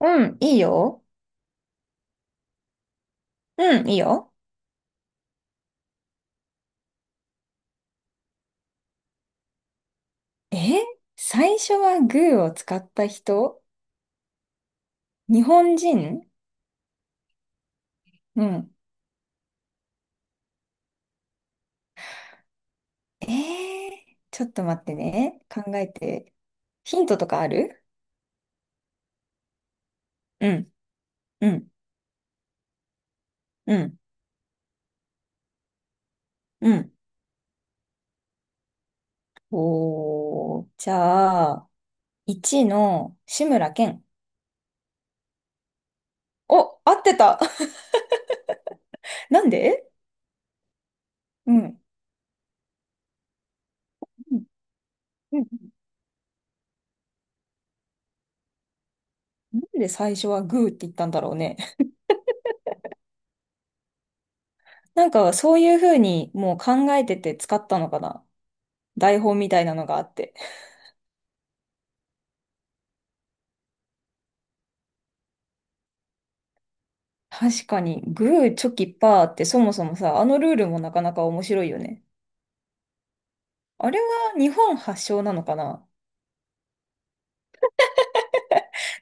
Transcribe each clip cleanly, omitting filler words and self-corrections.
うん、いいよ。うん、いいよ。え？最初はグーを使った人？日本人？うん。ちょっと待ってね。考えて。ヒントとかある？うん、うん、うん、うん。おー、じゃあ、1の志村けん。お、合ってた？ なんで？うん。うんうん。なんで最初はグーって言ったんだろうね。なんかそういうふうにもう考えてて使ったのかな。台本みたいなのがあって。確かに、グー、チョキ、パーってそもそもさ、あのルールもなかなか面白いよね。あれは日本発祥なのかな？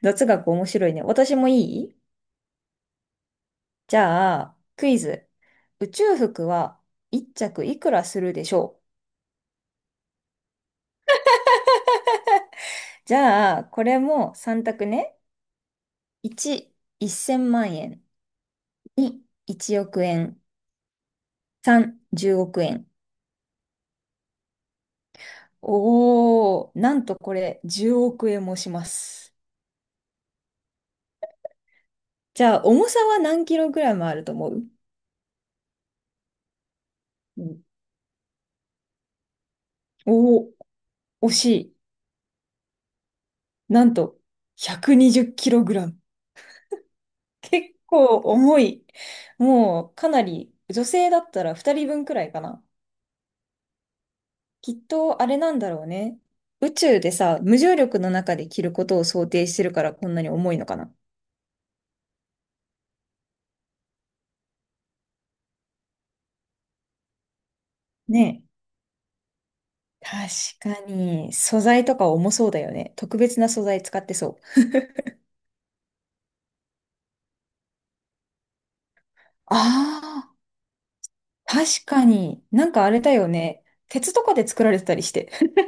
雑学面白いね。私もいい？じゃあ、クイズ。宇宙服は1着いくらするでしょう？じゃあ、これも3択ね。1、1000万円。2、1億円。3、10億円。おー、なんとこれ10億円もします。じゃあ、重さは何キログラムあると思う？うん。おお、惜しい。なんと、120キログラム。結構重い。もう、かなり、女性だったら2人分くらいかな。きっと、あれなんだろうね。宇宙でさ、無重力の中で着ることを想定してるからこんなに重いのかな。ねえ。確かに、素材とか重そうだよね。特別な素材使ってそう。ああ、確かに。なんかあれだよね。鉄とかで作られてたりして。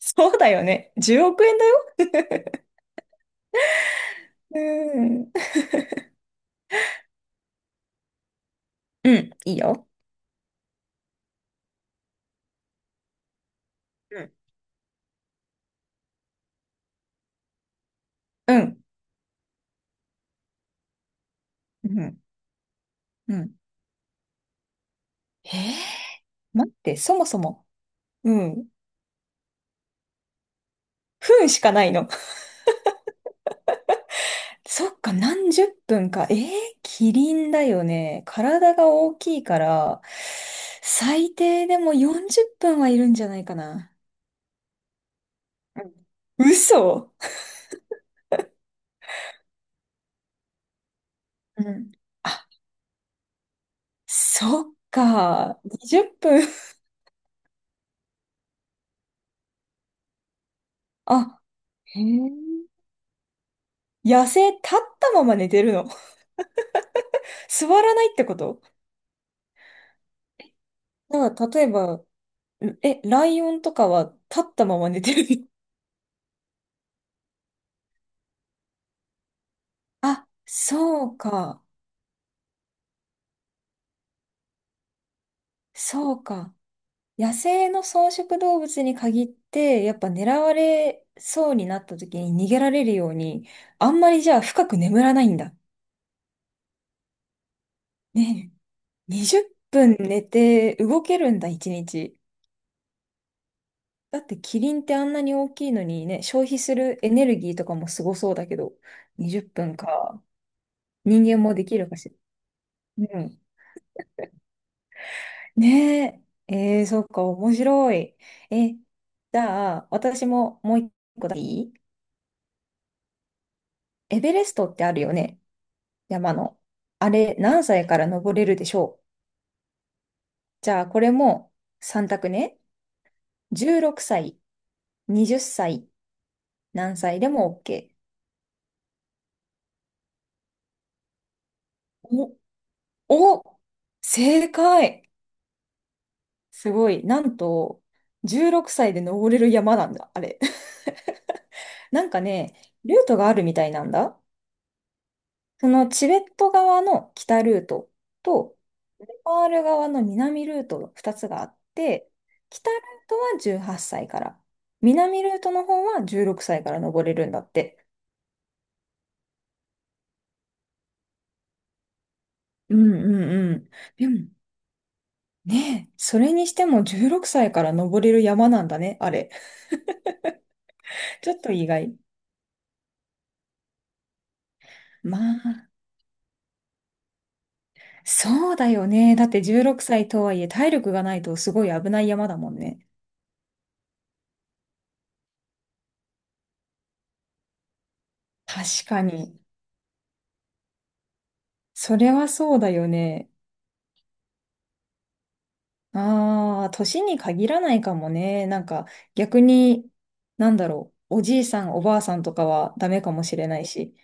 そうだよね。10億円だよ。うーん。うん、いいよ。うんうん。うん。うん。えー待って、そもそも、うん。分しかないの？そっか、何十分か。キリンだよね。体が大きいから、最低でも40分はいるんじゃないかな。うん嘘？うん。あ、そっか。20分。あ、へえ。野生立ったまま寝てるの？座らないってこと？だから例えば、え、ライオンとかは立ったまま寝てる？あ、そうか、そうか。野生の草食動物に限って、やっぱ狙われそうになった時に逃げられるように、あんまりじゃあ深く眠らないんだ。ねえ、20分寝て動けるんだ、1日。だってキリンってあんなに大きいのにね、消費するエネルギーとかもすごそうだけど、20分か。人間もできるかしら。ねえ、そっか、面白い。え、じゃあ、私ももう一個だけいい？エベレストってあるよね、山の。あれ、何歳から登れるでしょう？じゃあ、これも3択ね。16歳、20歳、何歳でも OK。お、お、正解？すごい。なんと、16歳で登れる山なんだ、あれ。なんかね、ルートがあるみたいなんだ。そのチベット側の北ルートと、ネパール側の南ルートの2つがあって、北ルートは18歳から、南ルートの方は16歳から登れるんだって。うんうんうん。でもねそれにしても16歳から登れる山なんだね、あれ。ちょっと意外。まあ、そうだよね。だって16歳とはいえ体力がないとすごい危ない山だもんね。確かに。それはそうだよね。ああ、年に限らないかもね。なんか逆に、なんだろう、おじいさん、おばあさんとかはダメかもしれないし。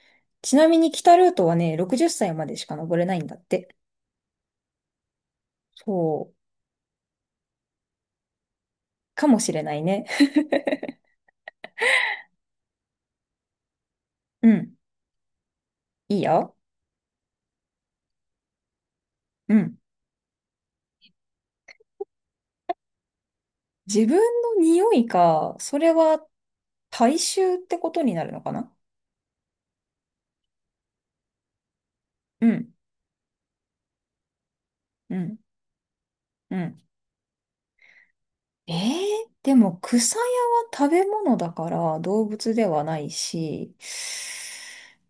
ちなみに北ルートはね、60歳までしか登れないんだって。そう、かもしれないね。うん、いいよ。うん。自分の匂いか、それは体臭ってことになるのかな？うん、うん、うん。えー、でも草屋は食べ物だから動物ではないし、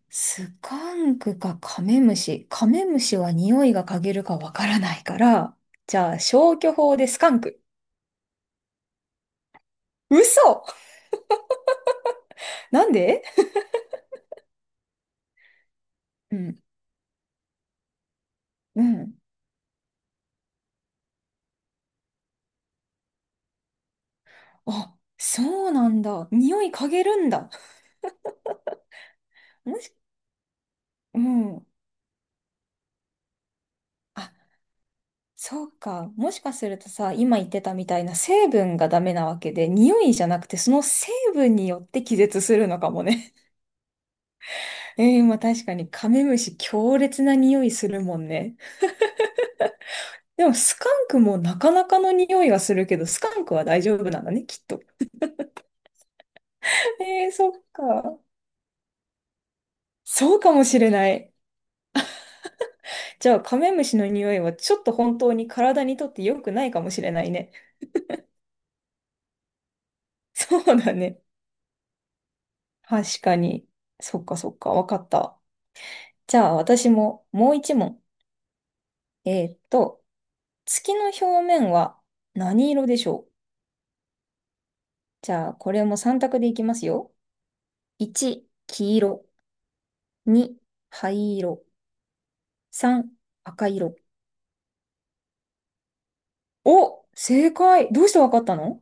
スカンクかカメムシ。カメムシは匂いが嗅げるかわからないから、じゃあ消去法でスカンク。嘘？なんで？うん、うん。あ、そうなんだ。匂い嗅げるんだ。もし、うん。あ、そうか。もしかするとさ、今言ってたみたいな成分がダメなわけで、匂いじゃなくてその成分によって気絶するのかもね。まあ確かにカメムシ強烈な匂いするもんね。でもスカンクもなかなかの匂いはするけど、スカンクは大丈夫なんだね、きっと。そっか。そうかもしれない。じゃあカメムシの匂いはちょっと本当に体にとって良くないかもしれないね。そうだね。確かに。そっかそっか、わかった。じゃあ私ももう一問。えーっと、月の表面は何色でしょう？じゃあこれも3択でいきますよ。1、黄色。2、灰色。3、赤色。お、正解。どうしてわかったの？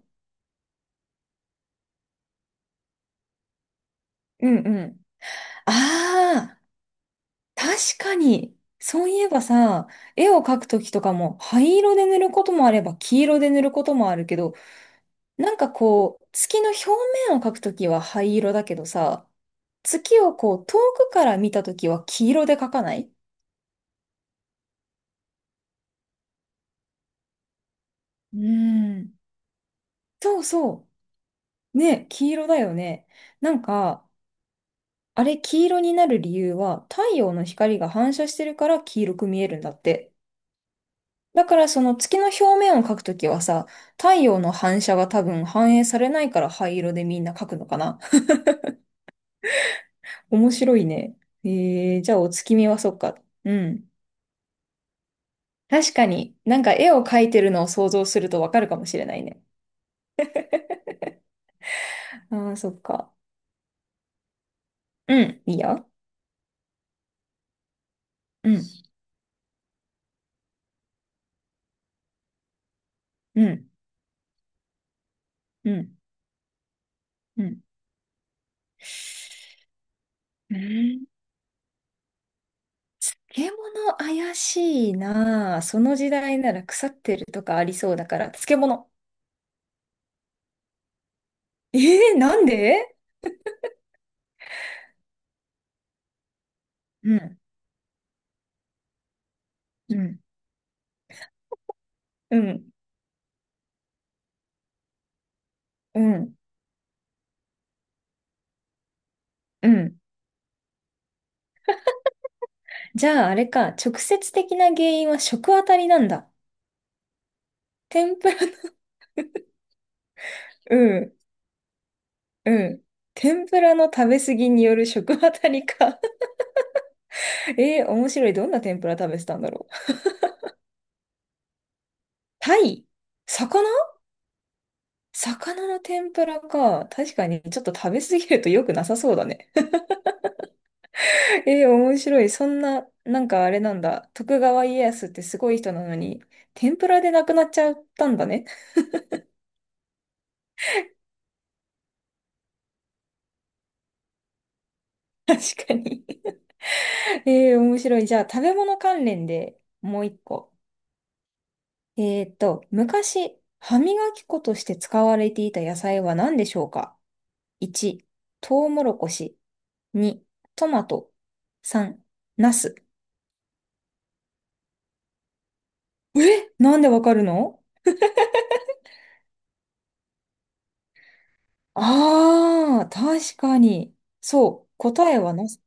うんうん。ああ、確かに。そういえばさ、絵を描くときとかも灰色で塗ることもあれば黄色で塗ることもあるけど、なんかこう、月の表面を描くときは灰色だけどさ、月をこう遠くから見たときは黄色で描かない？うーん。そうそう。ね、黄色だよね。なんか、あれ、黄色になる理由は、太陽の光が反射してるから黄色く見えるんだって。だからその月の表面を描くときはさ、太陽の反射が多分反映されないから灰色でみんな描くのかな。面白いね。じゃあお月見はそっか。うん。確かに、なんか絵を描いてるのを想像するとわかるかもしれないね。あー、そっか。うん、いいよ。うん、うん、うん、うん。うん。漬物怪しいなぁ。その時代なら腐ってるとかありそうだから、漬物。えなんで？うん、うん、うん、うん、うん。じゃああれか、直接的な原因は食あたりなんだ。天ぷら、うん、うん。天ぷらの食べ過ぎによる食あたりか。面白い。どんな天ぷら食べてたんだろう。タイ？魚？魚の天ぷらか。確かにちょっと食べ過ぎると良くなさそうだね。面白い。そんな、なんかあれなんだ。徳川家康ってすごい人なのに、天ぷらで亡くなっちゃったんだね。確かに。面白い。じゃあ、食べ物関連でもう一個。昔、歯磨き粉として使われていた野菜は何でしょうか？ 1、トウモロコシ。2、トマト。3、ナス。なんでわかるの？ああー、確かに。そう。答えはナス。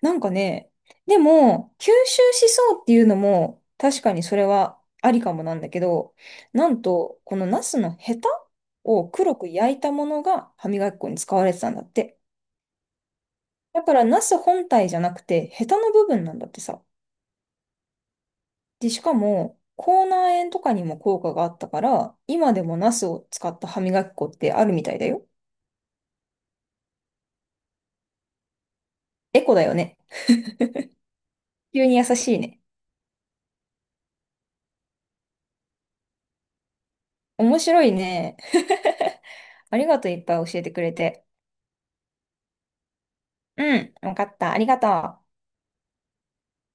なんかね、でも、吸収しそうっていうのも、確かにそれはありかもなんだけど、なんと、このナスのヘタを黒く焼いたものが歯磨き粉に使われてたんだって。だから、ナス本体じゃなくて、ヘタの部分なんだってさ。で、しかも、口内炎とかにも効果があったから、今でもナスを使った歯磨き粉ってあるみたいだよ。エコだよね。急に優しいね。面白いね。ありがとう、いっぱい教えてくれて。うん、わかった。ありがとう。